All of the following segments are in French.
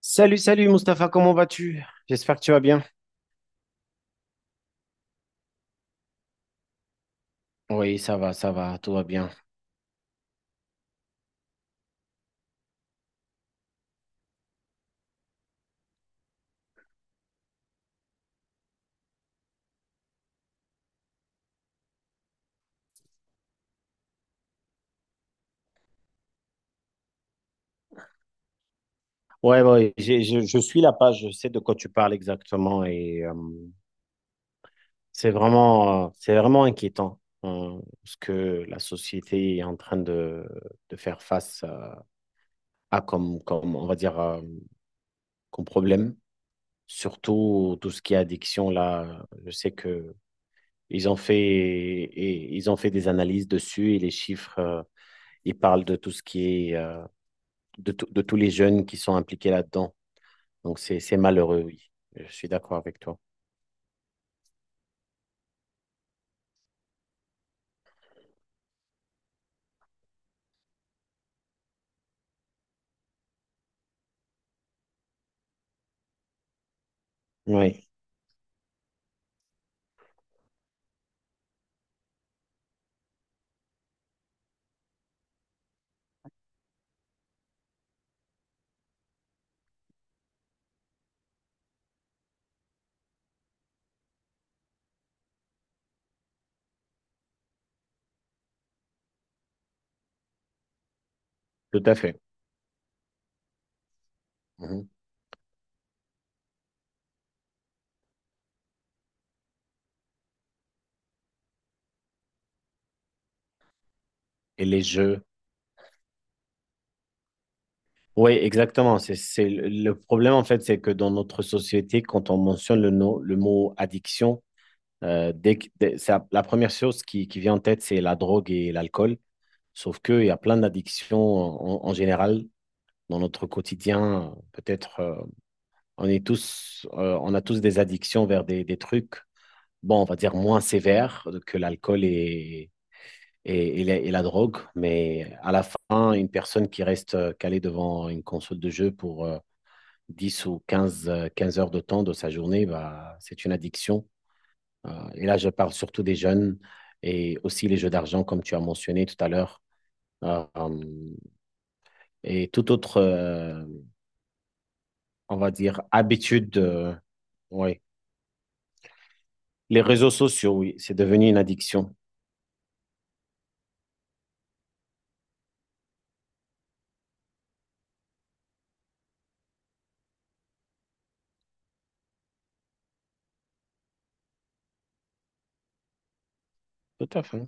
Salut, salut Mustapha, comment vas-tu? J'espère que tu vas bien. Oui, ça va, tout va bien. Ouais, ouais, je suis la page, je sais de quoi tu parles exactement et c'est vraiment inquiétant ce que la société est en train de faire face à comme on va dire, comme problème. Surtout tout ce qui est addiction, là, je sais que ils ont fait, et, ils ont fait des analyses dessus et les chiffres, ils parlent de tout ce qui est de tous les jeunes qui sont impliqués là-dedans. Donc, c'est malheureux, oui. Je suis d'accord avec toi. Oui, tout à fait. Mhm. Et les jeux. Oui, exactement. C'est le problème, en fait, c'est que dans notre société, quand on mentionne le, no- le mot addiction, dès que- dès- ça- la première chose qui vient en tête, c'est la drogue et l'alcool. Sauf qu'il y a plein d'addictions en général dans notre quotidien. Peut-être, on est tous, on a tous des addictions vers des trucs bon, on va dire, moins sévère que l'alcool et la drogue. Mais à la fin, une personne qui reste calée devant une console de jeu pour 10 ou 15 15 heures de temps de sa journée, bah, c'est une addiction. Et là, je parle surtout des jeunes et aussi les jeux d'argent, comme tu as mentionné tout à l'heure. Euh, euh, et toute autre, on va dire, habitude. Ouais. Les réseaux sociaux, oui, c'est devenu une addiction. Tout à fait.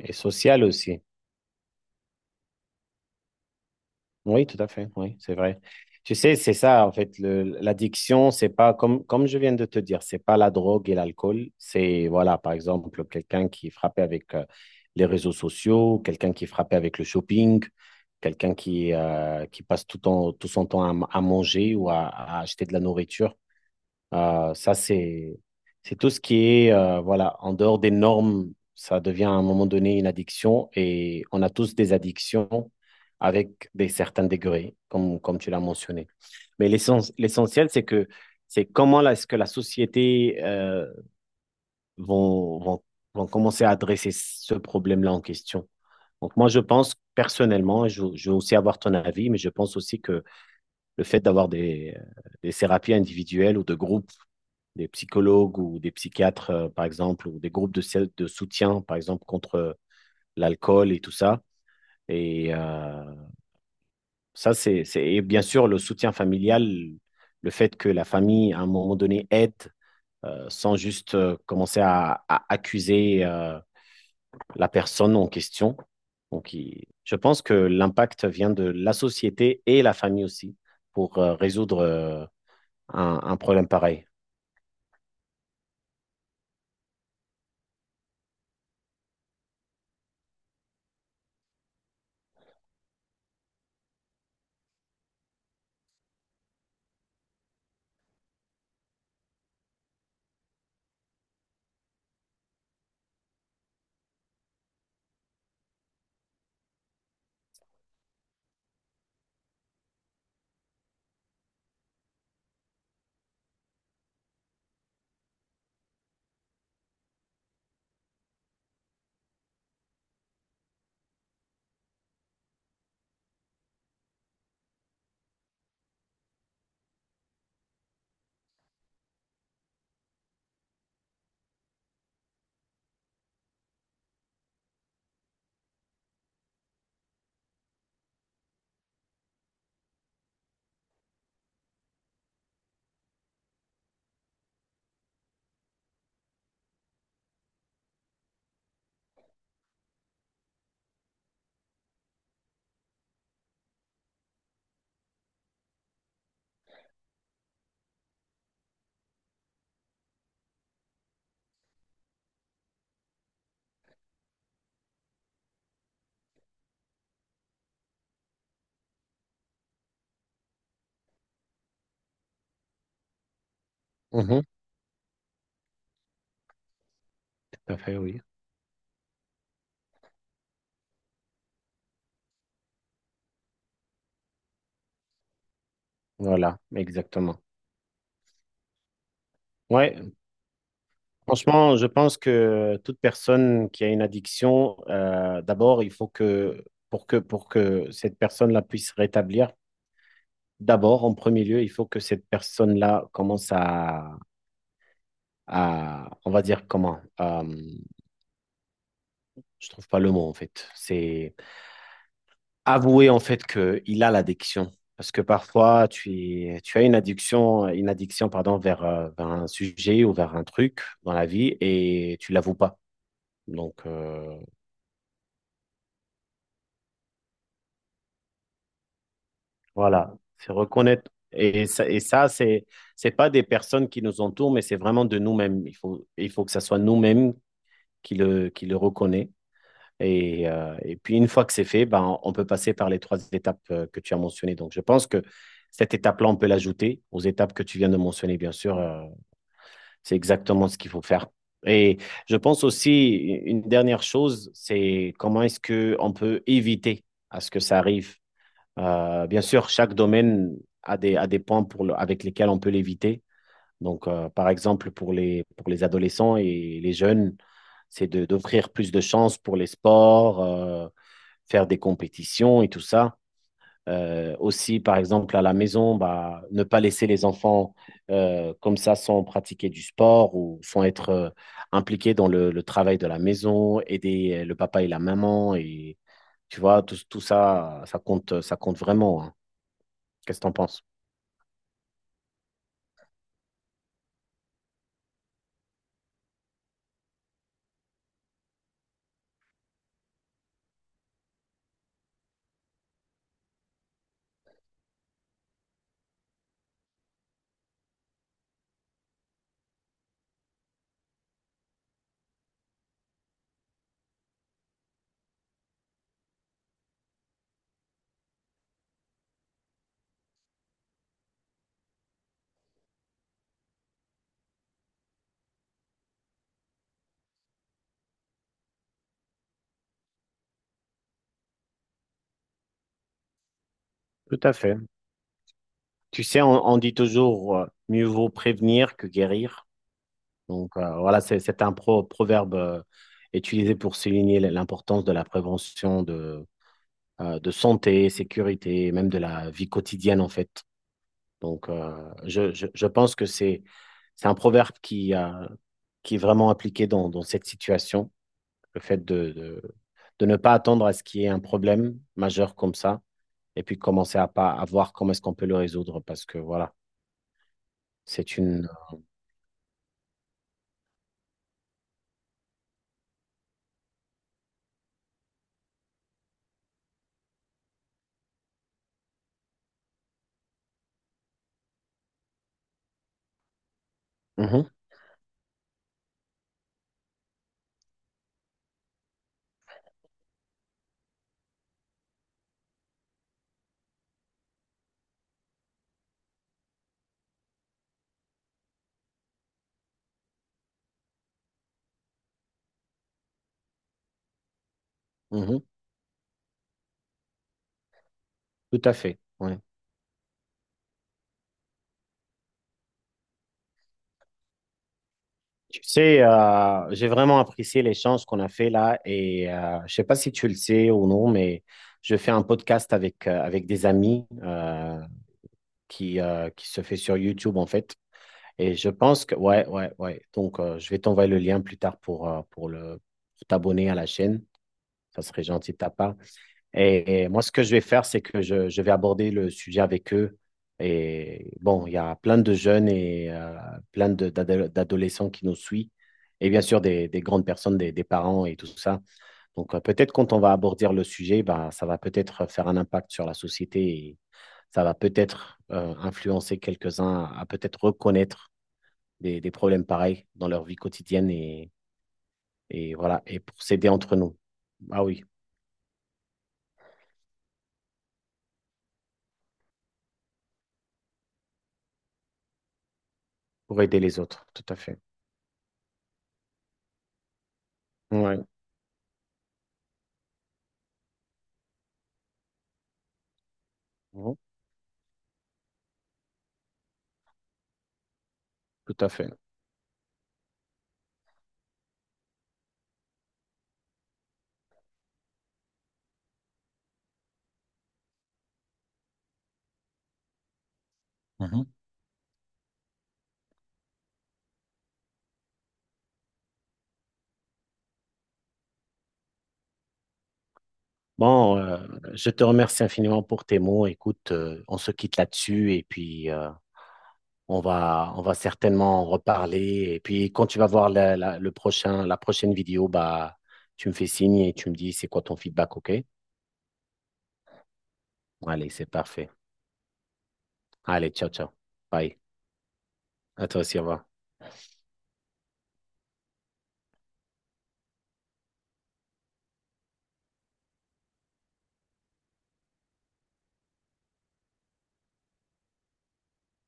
Et sociale aussi. Oui, tout à fait, oui, c'est vrai. Tu sais, c'est ça, en fait, l'addiction, c'est pas, comme, comme je viens de te dire, c'est pas la drogue et l'alcool, c'est, voilà, par exemple, quelqu'un qui est frappé avec les réseaux sociaux, quelqu'un qui est frappé avec le shopping, quelqu'un qui passe tout son temps à manger ou à acheter de la nourriture. Ça, c'est tout ce qui est, voilà, en dehors des normes, ça devient à un moment donné une addiction et on a tous des addictions avec des certains degrés, comme tu l'as mentionné. Mais l'essentiel, c'est que c'est comment là, est-ce que la société vont, vont, vont commencer à adresser ce problème-là en question. Donc moi, je pense personnellement, et je veux aussi avoir ton avis, mais je pense aussi que le fait d'avoir des thérapies individuelles ou de groupes des psychologues ou des psychiatres, par exemple, ou des groupes de soutien, par exemple, contre l'alcool et tout ça. Et ça, et bien sûr, le soutien familial, le fait que la famille, à un moment donné, aide sans juste commencer à accuser la personne en question. Donc, je pense que l'impact vient de la société et la famille aussi pour résoudre un problème pareil. Mhm, tout à fait, oui. Voilà, exactement. Ouais, franchement, je pense que toute personne qui a une addiction, d'abord, il faut que pour que cette personne-là puisse se rétablir, d'abord, en premier lieu, il faut que cette personne-là commence à, on va dire comment, je trouve pas le mot en fait. C'est avouer en fait que il a l'addiction, parce que parfois tu as une addiction pardon vers, vers un sujet ou vers un truc dans la vie et tu l'avoues pas. Donc, euh, Voilà, c'est reconnaître. Et ça c'est pas des personnes qui nous entourent, mais c'est vraiment de nous-mêmes. Il faut que ça soit nous-mêmes qui le reconnaît. Et puis, une fois que c'est fait, ben, on peut passer par les trois étapes que tu as mentionnées. Donc, je pense que cette étape-là, on peut l'ajouter aux étapes que tu viens de mentionner, bien sûr. C'est exactement ce qu'il faut faire. Et je pense aussi, une dernière chose, c'est comment est-ce qu'on peut éviter à ce que ça arrive bien sûr, chaque domaine a a des points avec lesquels on peut l'éviter. Donc, par exemple, pour les adolescents et les jeunes, c'est de, d'offrir plus de chances pour les sports, faire des compétitions et tout ça. Aussi, par exemple, à la maison, bah, ne pas laisser les enfants comme ça sans pratiquer du sport ou sans être impliqués dans le travail de la maison, aider le papa et la maman. Et tu vois, tout ça, ça compte vraiment, hein. Qu'est-ce que t'en penses? Tout à fait. Tu sais, on dit toujours mieux vaut prévenir que guérir. Donc voilà, c'est un proverbe utilisé pour souligner l'importance de la prévention de santé, sécurité, et même de la vie quotidienne en fait. Donc euh, je pense que c'est un proverbe qui est vraiment appliqué dans cette situation. Le fait de ne pas attendre à ce qu'il y ait un problème majeur comme ça, et puis commencer à, pas, à voir comment est-ce qu'on peut le résoudre, parce que voilà, c'est une… Mhm, mhm, tout à fait, ouais. Tu sais, j'ai vraiment apprécié l'échange qu'on a fait là, et je sais pas si tu le sais ou non, mais je fais un podcast avec, avec des amis qui se fait sur YouTube en fait. Et je pense que, ouais. Donc, je vais t'envoyer le lien plus tard pour, pour t'abonner à la chaîne. Ça serait gentil de ta part. Et moi, ce que je vais faire, c'est que je vais aborder le sujet avec eux. Et bon, il y a plein de jeunes et d'adolescents qui nous suivent. Et bien sûr, des grandes personnes, des parents et tout ça. Donc, peut-être quand on va aborder le sujet, bah, ça va peut-être faire un impact sur la société et ça va peut-être influencer quelques-uns à peut-être reconnaître des problèmes pareils dans leur vie quotidienne et voilà, et pour s'aider entre nous. Ah oui, pour aider les autres, tout à fait. Oui, tout à fait. Mhm. Bon, je te remercie infiniment pour tes mots. Écoute, on se quitte là-dessus et puis on va certainement en reparler. Et puis quand tu vas voir le prochain, la prochaine vidéo, bah, tu me fais signe et tu me dis c'est quoi ton feedback, OK? Allez, c'est parfait. Allez, ciao, ciao. Bye. À toi aussi, au revoir.